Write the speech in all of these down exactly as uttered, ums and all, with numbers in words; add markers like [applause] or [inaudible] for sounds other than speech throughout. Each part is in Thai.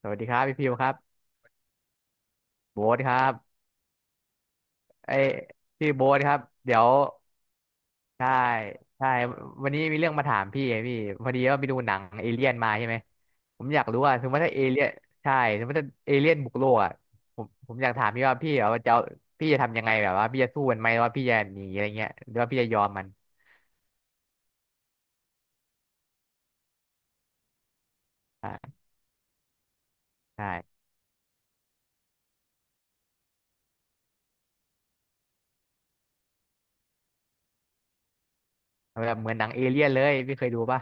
สวัสดีครับพี่พิวครับโบ๊ทครับไอ้ยพี่โบ๊ทครับเดี๋ยวใช่ใช่วันนี้มีเรื่องมาถามพี่ไงพี่พอดีว่าไปดูหนังเอเลี่ยนมาใช่ไหมผมอยากรู้ว่าสมมติถ้าเอเลี่ยนใช่สมมติถ้าเอเลี่ยนบุกโลกอ่ะผมผมอยากถามพี่ว่าพี่แบบว่าจะเอาพี่จะทำยังไงแบบว่าพี่จะสู้มันไหมหรือว่าพี่จะหนีอะไรเงี้ยหรือว่าพี่จะยอมมันใช่ใช่แบบเหมือนหนังเอเลี่ยนเลยพี่เคยดูป่ะ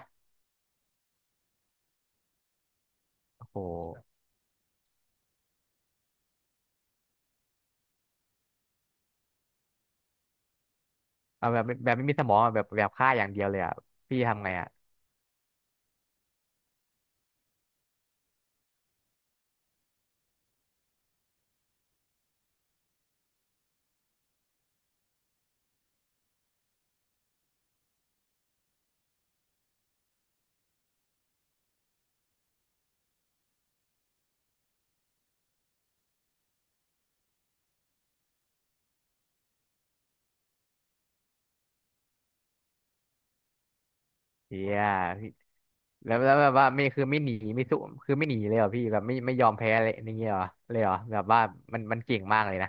โอ้โหเอาแบบแบบไม่มีสมองอะแบบแบบฆ่าอย่างเดียวเลยอ่ะพี่ทำไงอ่ะเฮีย แล้วแล้วแบบว่าไม่คือไม่หนีไม่สู้คือไม่หนีเลยเหรอพี่แบบไม่ไม่ยอมแพ้เลยอย่างเงี้ยเหรอเลยเหรอแบบว่ามันมันเก่งมากเลยนะ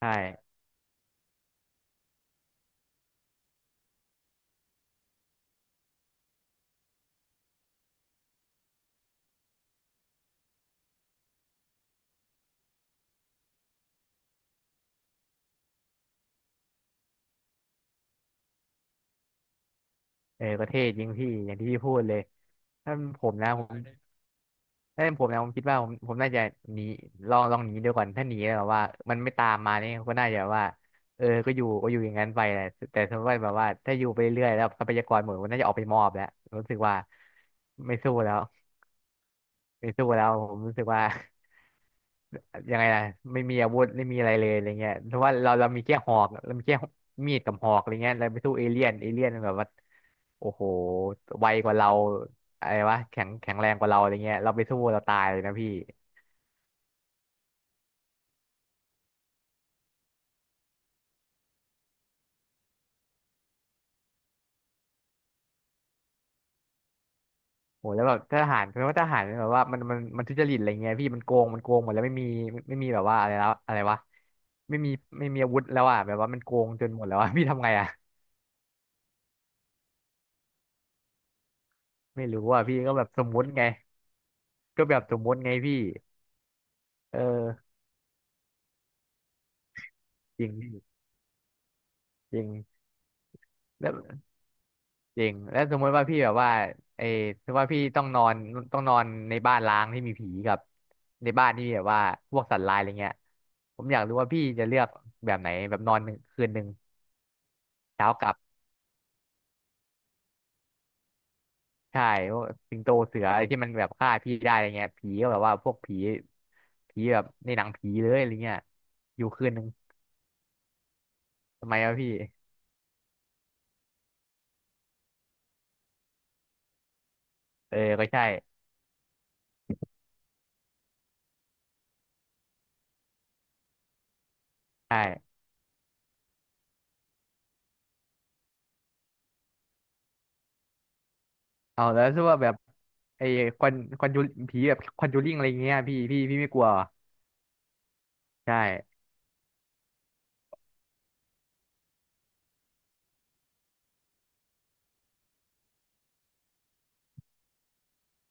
ใช่เออก็เท่จริงพี่อย่างที่พี่พูดเลยถ้าเป็นผมนะผมถ้าเป็นผมนะผมคิดว่าผมผมน่าจะหนีลองลองหนีดูก่อนถ้าหนีแล้วแบบว่ามันไม่ตามมาเนี่ยก็น่าจะว่าเออก็อยู่ก็อยู่อย่างนั้นไปแหละแต่สมมติว่าแบบว่าถ้าอยู่ไปเรื่อยๆแล้วทรัพยากรหมดก็น่าจะออกไปมอบแล้วรู้สึกว่าไม่สู้แล้วไม่สู้แล้วผมรู้สึกว่า ยังไงล่ะไม่มีอาวุธไม่มีอะไรเลยอะไรเงี้ยเพราะว่าเราเรามีแค่หอกเรามีแค่มีดกับหอกอะไรเงี้ยเราไปสู้เอเลี่ยนเอเลี่ยนมันแบบว่าโอ้โหไวกว่าเราอะไรวะแข็งแข็งแรงกว่าเราอะไรเงี้ยเราไปสู้เราตายเลยนะพี่โอ้แล้วแบบทหารเพราะว่าทหารมันแบบว่ามันมันมันทุจริตอะไรเงี้ยพี่มันโกงมันโกงหมดแล้วไม่มีไม่มีแบบว่าอะไรแล้วอะไรวะไม่มีไม่มีอาวุธแล้วอ่ะแบบว่ามันโกงจนหมดแล้วอ่ะ [laughs] พี่ทำไงอ่ะไม่รู้อ่ะพี่ก็แบบสมมุติไงก็แบบสมมุติไงพี่เออจริงพี่จริงแล้ว จริงแล้วสมมติว่าพี่แบบว่าไอ้สมมติว่าพี่ต้องนอนต้องนอนในบ้านร้างที่มีผีกับในบ้านที่แบบว่าพวกสัตว์ร้ายอะไรเงี้ยผมอยากรู้ว่าพี่จะเลือกแบบไหนแบบนอนหนึ่งคืนหนึ่งเช้ากลับใช่พวกสิงโตเสืออะไรที่มันแบบฆ่าพี่ได้อะไรเงี้ยผีก็แบบว่าพวกผีผีแบบในหนังผีเลยอะไรเงี้ยอยู่คืนหนึ่งทำไมวะพี่เออก็ใช่ใช่เอาแล้วถ้าว่าแบบไอ้ควันควันยูผีแบบควันจูริงอะไรเงี้ยพี่พี่พี่ไม่กลัวเหรอใช่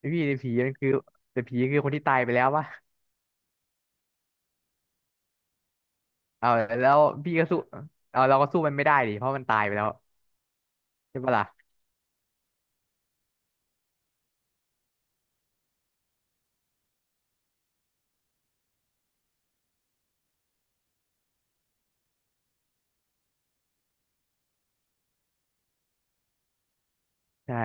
พี่แต่ผีมันคือแต่ผีคือคนที่ตายไปแล้ววะเอาแล้วพี่ก็สู้เอาเราก็สู้มันไม่ได้ดิเพราะมันตายไปแล้วใช่ปะล่ะใช่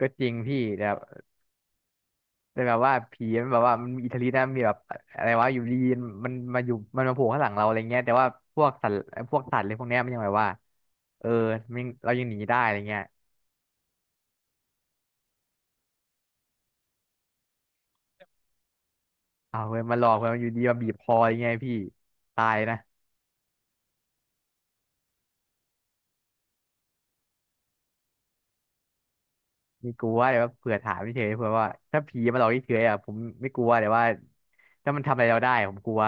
ก็จริงพี่แต่แต่แบบว่าผีมันแบบว่ามันมีอิทธิฤทธิ์นะมีแบบอะไรวะอยู่ดีมันมาอยู่มันมาโผล่ข้างหลังเราอะไรเงี้ยแต่ว่าพวกสัตว์พวกสัตว์เลยพวกเนี้ยมันยังแบบว่าเออมันเรายังหนีได้อะไรเงี้ยเอาเว้ยมันหลอกเว้ยมันอยู่ดีมาบีบคออะไรเงี้ยพี่ตายนะ มีกลัวแต่ว่าเผื่อถามเฉยๆเผื่อว่าถ้าผีมาหลอกเฉยๆอ่ะผมไม่กลัวแต่ว่าถ้ามันทำอะไรเราได้ผมกลัว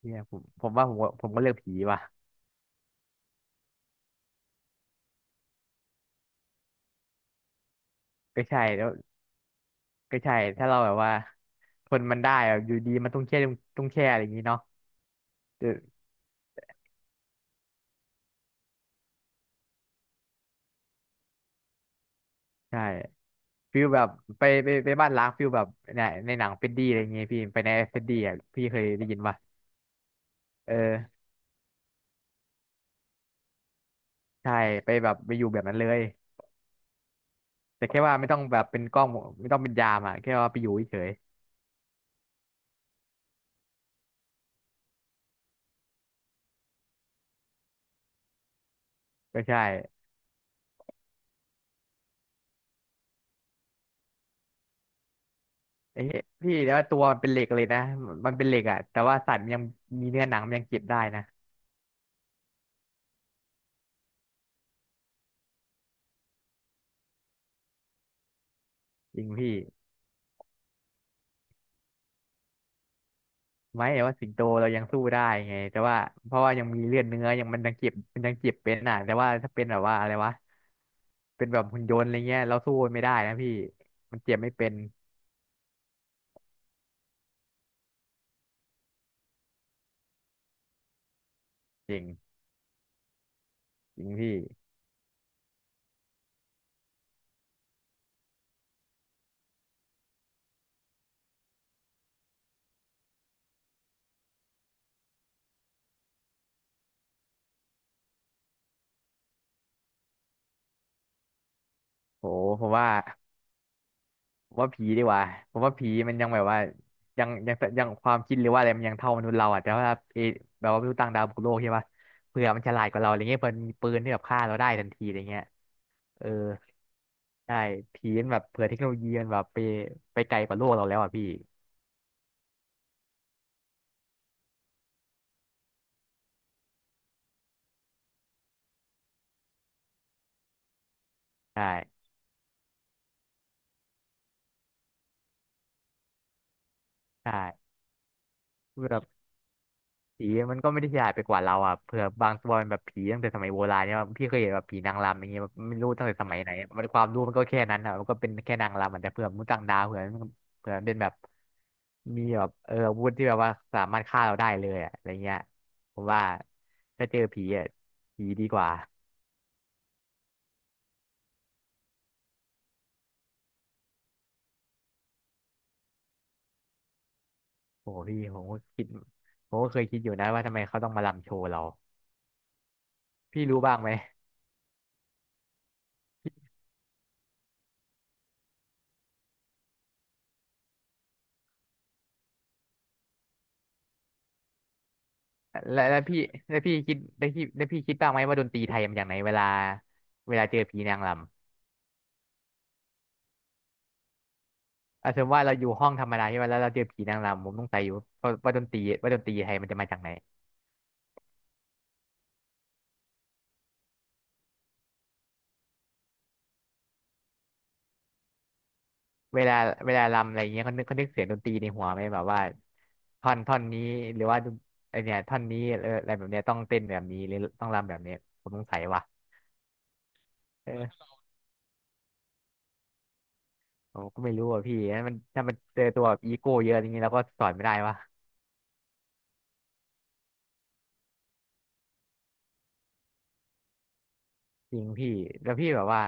เนี่ยผมผมว่าผมก็ผมก็เลือกผีว่ะก็ใช่แล้วก็ใช่ถ้าเราแบบว่าทนมันได้อะอยู่ดีมันต้องแช่ต้องแช่อะไรอย่างนี้เนาะเออใช่ฟิลแบบไปไปไปบ้านล้างฟิลแบบในในหนังเฟรดดี้อะไรอย่างเงี้ยพี่ไปในเฟรดดี้อ่ะพี่เคยได้ยินป่ะเออใช่ไปแบบไปอยู่แบบนั้นเลยแต่แค่ว่าไม่ต้องแบบเป็นกล้องไม่ต้องเป็นยามอ่ะแค่ว่าไปอยู่เฉยๆก็ใช่ ไอ้เหี้ยพี่แต่ว่าตัวมันเป็นเหล็กเลยนะมันเป็นเหล็กอ่ะแต่ว่าสัตว์มันยังมีเนื้อหนังมันยังเก็บได้นะจริงพี่ไม่แต่ว่าสิงโตเรายังสู้ได้ไงแต่ว่าเพราะว่ายังมีเลือดเนื้อยังมันยังเก็บมันยังเก็บเป็นอ่ะแต่ว่าถ้าเป็นแบบว่าอะไรวะเป็นแบบหุ่นยนต์อะไรเงี้ยเราสู้ไม่ได้นะพี่มันเจ็บไม่เป็นจริงจริงพี่โหผมว่า ผมว่าผีดีกว่าผมว่าผีมันยังแบบว่ายังยังยังความคิดหรือว่าอะไรมันยังเท่ามนุษย์เราอ่ะแต่ว่าเอแบบว่าไม่รู้ต่างดาวบุกโลกใช่ปะเผื่อมันฉลาดกว่าเราอะไรเงี้ยเผื่อมันมีปืนที่แบบฆ่าเราได้ทันทีอะไรเงี้ยเออใช่ผีมันแบบเผื่อเทคโนโลยีมันแบบไปไปไกลกว่าโลกเราแล้วอ่ะพี่ใช่ใช่แบบ ผีมันก็ไม่ได้ฉลาดไปกว่าเราอ่ะเผื่อบางตัวมันแบบผีตั้งแต่สมัยโบราณเนี่ยพี่เคยเห็นแบบผีนางรำอย่างเงี้ยแบบไม่รู้ตั้งแต่สมัยไหนอะมันความรู้มันก็แค่นั้นอ่ะมันก็เป็นแค่นางรำอะแต่เผื่อมนุษย์ต่างดาวเผื่อเผื่อมันเป็นแบบมีแบบเอออาวุธที่แบบว่าสามารถฆ่าเราได้เลยอะอะไรเงี้ยผมว่าถ้าเจอผีอ่ะผีดีกว่าโอ้พี่ผมก็คิดผมก็เคยคิดอยู่นะว่าทำไมเขาต้องมาลำโชว์เราพี่รู้บ้างไหม แล้วแล้วพี่แล้วพี่คิดแล้วพี่แล้วพี่คิดบ้างไหมว่าดนตรีไทยมันอย่างไหนเวลาเวลาเจอผีนางรำอ่ะสมมติว่าเราอยู่ห้องธรรมดาใช่ไหมแล้วเราเจอผีนางรำผมต้องใจอยู่ว่าว่าดนตรีว่าดนตรีไทยมันจะมาจากไหนเวลาเวลารำอะไรเงี้ยเขานึกเขานึกเสียงดนตรีในหัวไหมแบบว่าท่อนท่อนนี้หรือว่าไอเนี่ยท่อนนี้เอออะไรแบบเนี้ยต้องเต้นแบบนี้หรือต้องรำแบบเนี้ยผมสงสัยว่ะเออผมก็ไม่รู้อ่ะพี่ถ้ามันถ้ามันเจอตัวอีโก้เยอะอย่างงี้เราก็สอนไม่ได้วะจริงพี่แล้วพี่แบบว่า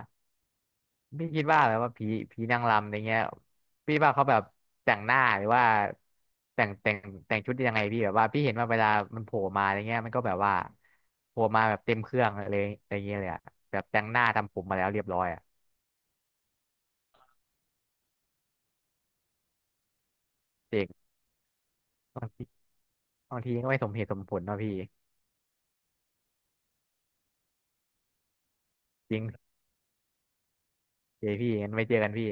พี่คิดว่าแบบว่าผีผีนางรำอะไรเงี้ยพี่ว่าเขาแบบแต่งหน้าหรือว่าแต่งแต่งแต่งชุดยังไงพี่แบบว่าพี่เห็นว่าเวลามันโผล่มาอะไรเงี้ยมันก็แบบว่าโผล่มาแบบเต็มเครื่องเลยอะไรเงี้ยเลยอะแบบแต่งหน้าทำผมมาแล้วเรียบร้อยอะเจริงบางทีบางทีก็ไม่สมเหตุสมผลเนาะพี่จริงเจพี่งั้นไว้เจอกันพี่